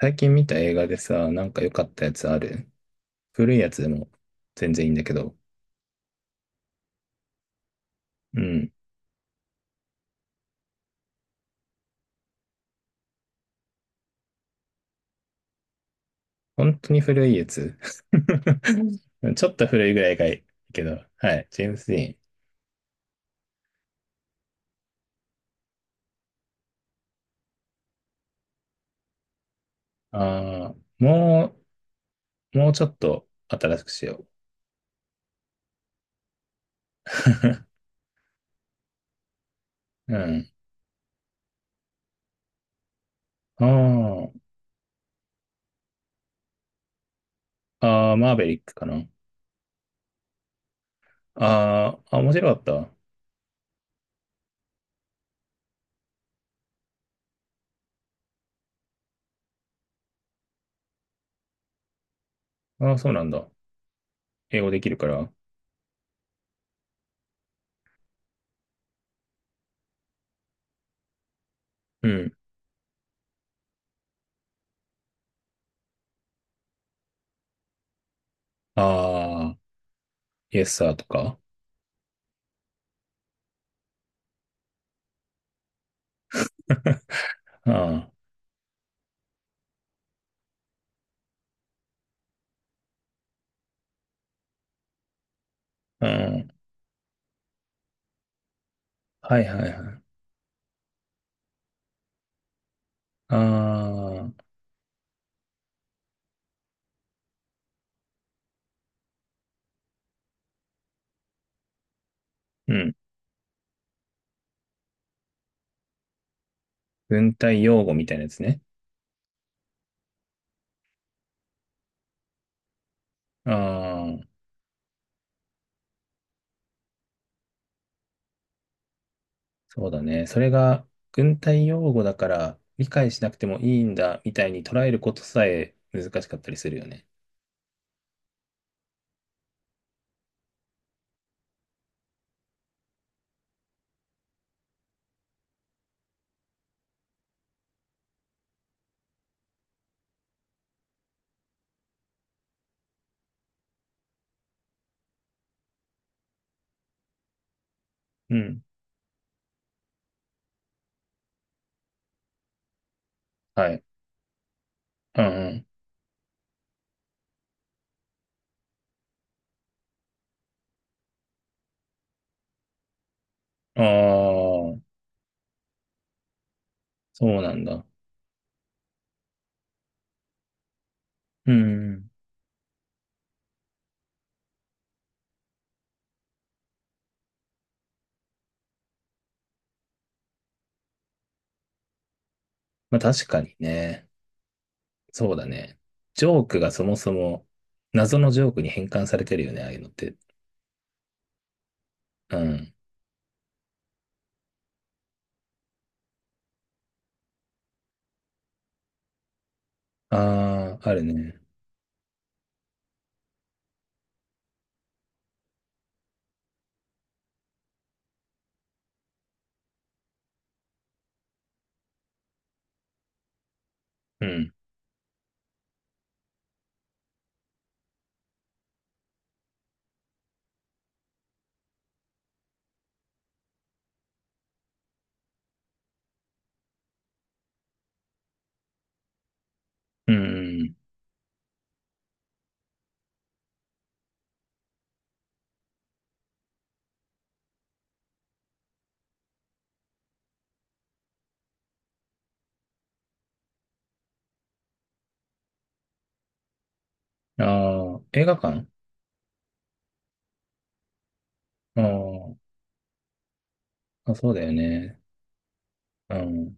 最近見た映画でさ、なんか良かったやつある？古いやつでも全然いいんだけど。うん。本当に古いやつ。ちょっと古いぐらいがいいけど。はい。ジェームス・ディーン。ああ、もう、もうちょっと新しくしよう。うん。ああ、ああ、マーベリックかな。ああ、あ、面白かった。ああ、そうなんだ。英語できるから。うん。ああ、イエスサーとか。ああ、うん。はいはいはい。ああ、うん。軍隊用語みたいなやつね。ああ、そうだね。それが軍隊用語だから理解しなくてもいいんだみたいに捉えることさえ難しかったりするよね。うん。はい。うんうん。ああ、そうなんだ。うん。まあ確かにね。そうだね。ジョークがそもそも謎のジョークに変換されてるよね、ああいうのって。うん。ああ、あるね。うん。うんうん。ああ、映画館ああー、あそうだよね。うん。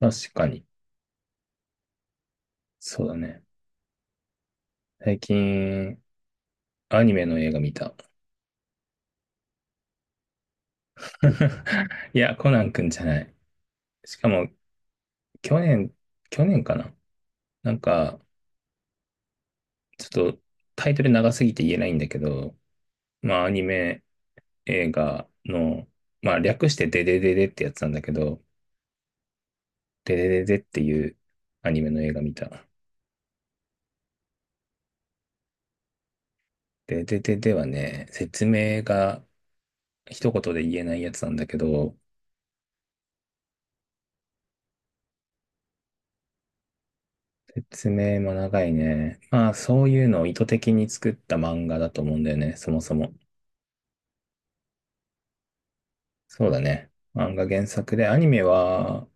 確かに。そうだね。最近、アニメの映画見た。いや、コナンくんじゃない。しかも、去年、去年かな。なんか、ちょっとタイトル長すぎて言えないんだけど、まあ、アニメ映画の、まあ、略してデデデデってやつなんだけど、デデデデっていうアニメの映画見た。デデデデはね、説明が一言で言えないやつなんだけど、説明も長いね。まあ、そういうのを意図的に作った漫画だと思うんだよね、そもそも。そうだね。漫画原作で、アニメは、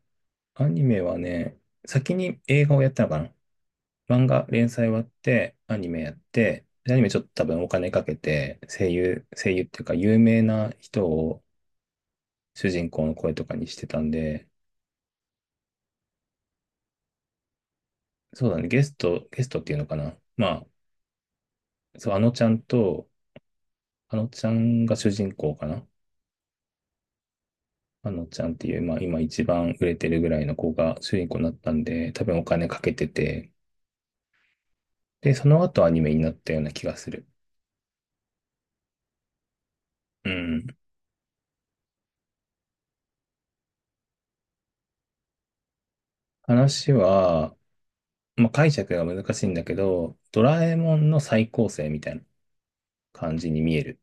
アニメはね、先に映画をやったのかな。漫画連載終わって、アニメやって、でアニメちょっと多分お金かけて、声優、声優っていうか有名な人を主人公の声とかにしてたんで、そうだね、ゲスト、ゲストっていうのかな。まあ、そう、あのちゃんと、あのちゃんが主人公かな。あのちゃんっていう、まあ、今一番売れてるぐらいの子が主人公になったんで、多分お金かけてて、で、その後アニメになったような気がする。うん。話は、まあ、解釈が難しいんだけど、ドラえもんの再構成みたいな感じに見える。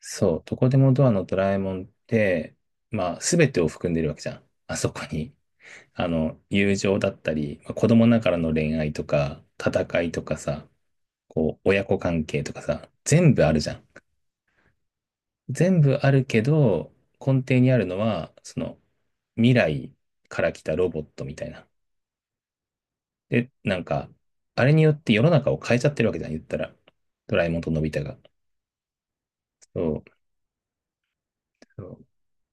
そう、どこでもドアのドラえもんって、まあ、すべてを含んでるわけじゃん。あそこに。あの、友情だったり、まあ子供ながらの恋愛とか、戦いとかさ、こう、親子関係とかさ、全部あるじゃん。全部あるけど、根底にあるのは、その未来から来たロボットみたいな。で、なんか、あれによって世の中を変えちゃってるわけじゃん、言ったら。ドラえもんとのび太が。そう。そう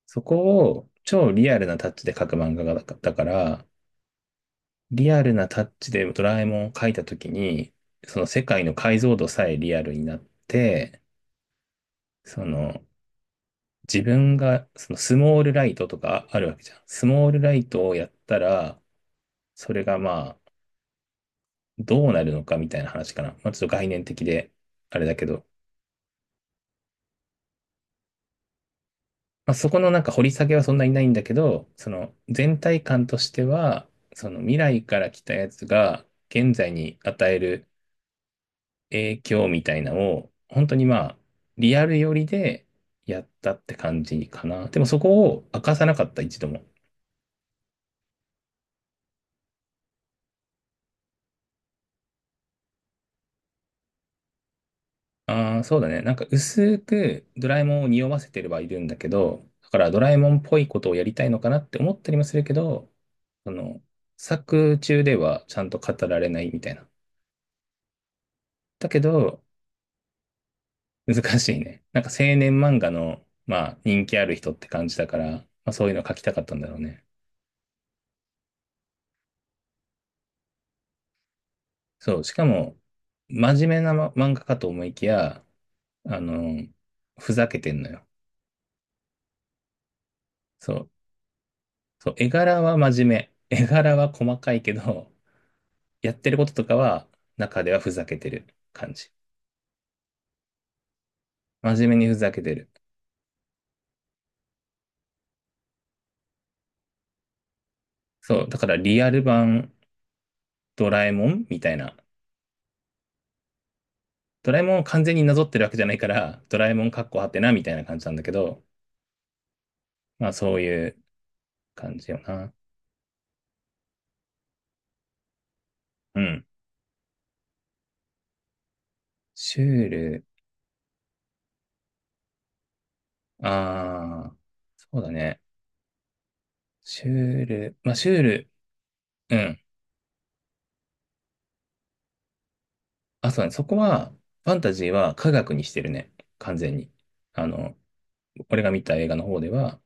そこを超リアルなタッチで描く漫画がだだから、リアルなタッチでドラえもんを描いたときに、その世界の解像度さえリアルになって、その自分が、そのスモールライトとかあるわけじゃん。スモールライトをやったら、それがまあ、どうなるのかみたいな話かな。まあ、ちょっと概念的で、あれだけど。まあ、そこのなんか掘り下げはそんなにないんだけど、その全体感としては、その未来から来たやつが現在に与える影響みたいなのを、本当にまあ、リアル寄りでやったって感じかな。でもそこを明かさなかった、一度も。ああ、そうだね。なんか薄くドラえもんを匂わせてればいるんだけど、だからドラえもんっぽいことをやりたいのかなって思ったりもするけど、その、作中ではちゃんと語られないみたいな。だけど、難しいね。なんか青年漫画の、まあ人気ある人って感じだから、まあそういうの書きたかったんだろうね。そう、しかも、真面目な、ま、漫画かと思いきや、あの、ふざけてんのよ。そう、そう、絵柄は真面目。絵柄は細かいけど、やってることとかは、中ではふざけてる感じ。真面目にふざけてる。そう、だからリアル版ドラえもんみたいな。ドラえもんを完全になぞってるわけじゃないから、ドラえもんかっこはてなみたいな感じなんだけど、まあそういう感じよな。うん。シュール、ああ、そうだね。シュール、まあシュール、うん。あ、そうだね。そこは、ファンタジーは科学にしてるね。完全に。あの、俺が見た映画の方では、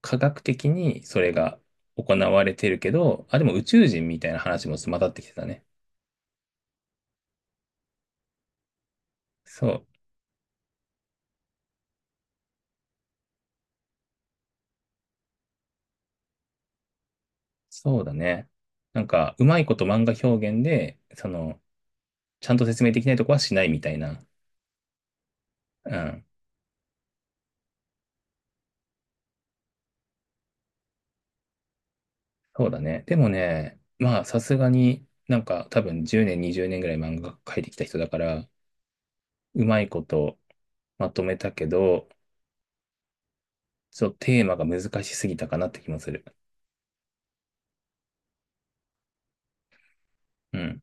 科学的にそれが行われてるけど、あ、でも宇宙人みたいな話も混ざってきてたね。そう、そうだね。なんか、うまいこと漫画表現で、その、ちゃんと説明できないとこはしないみたいな。うん、そうだね。でもね、まあ、さすがになんか多分10年、20年ぐらい漫画描いてきた人だから、うまいことまとめたけど、ちょっとテーマが難しすぎたかなって気もする。うん。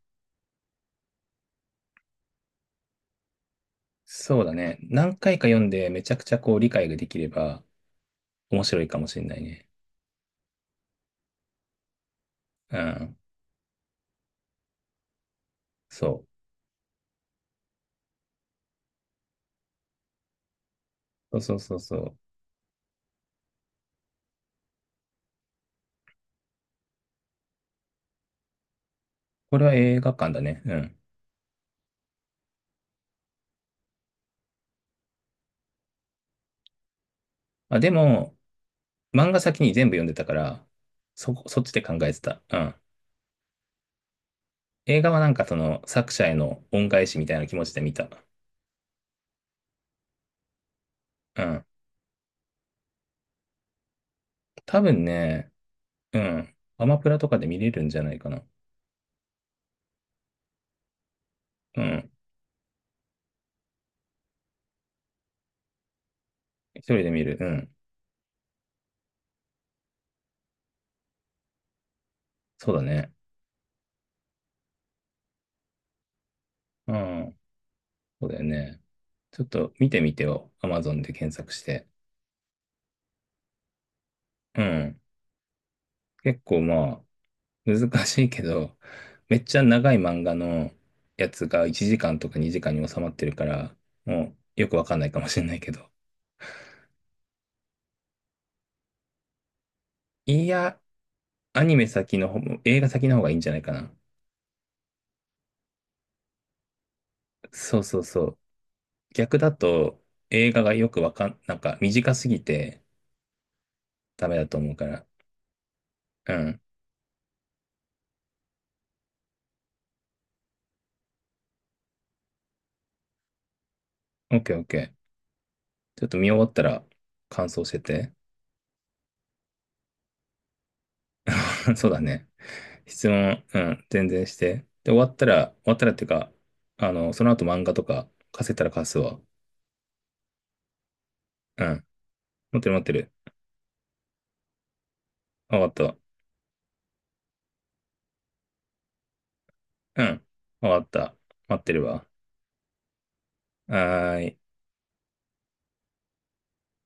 そうだね。何回か読んでめちゃくちゃこう理解ができれば、面白いかもしれないね。うん。そう。そうそうそうそう。これは映画館だね。うん。あ、でも、漫画先に全部読んでたから、そこ、そっちで考えてた。うん。映画はなんかその作者への恩返しみたいな気持ちで見た。うん。多分ね、うん。アマプラとかで見れるんじゃないかな。うん。一人で見る。うん。そうだね。うん。そうだよね。ちょっと見てみてよ。アマゾンで検索して。うん。結構まあ、難しいけど、めっちゃ長い漫画のやつが1時間とか2時間に収まってるから、もうよくわかんないかもしれないけど。いや、アニメ先の方、映画先の方がいいんじゃないかな。そうそうそう。逆だと映画がよくわかん、なんか短すぎてダメだと思うから。うん。オッケーオッケー。ちょっと見終わったら感想してて。そうだね。質問、うん、全然して。で、終わったら、終わったらっていうか、その後漫画とか貸せたら貸すわ。うん。待ってる待ってる。あ終わかった。うん。終わかった。待ってるわ。はーい。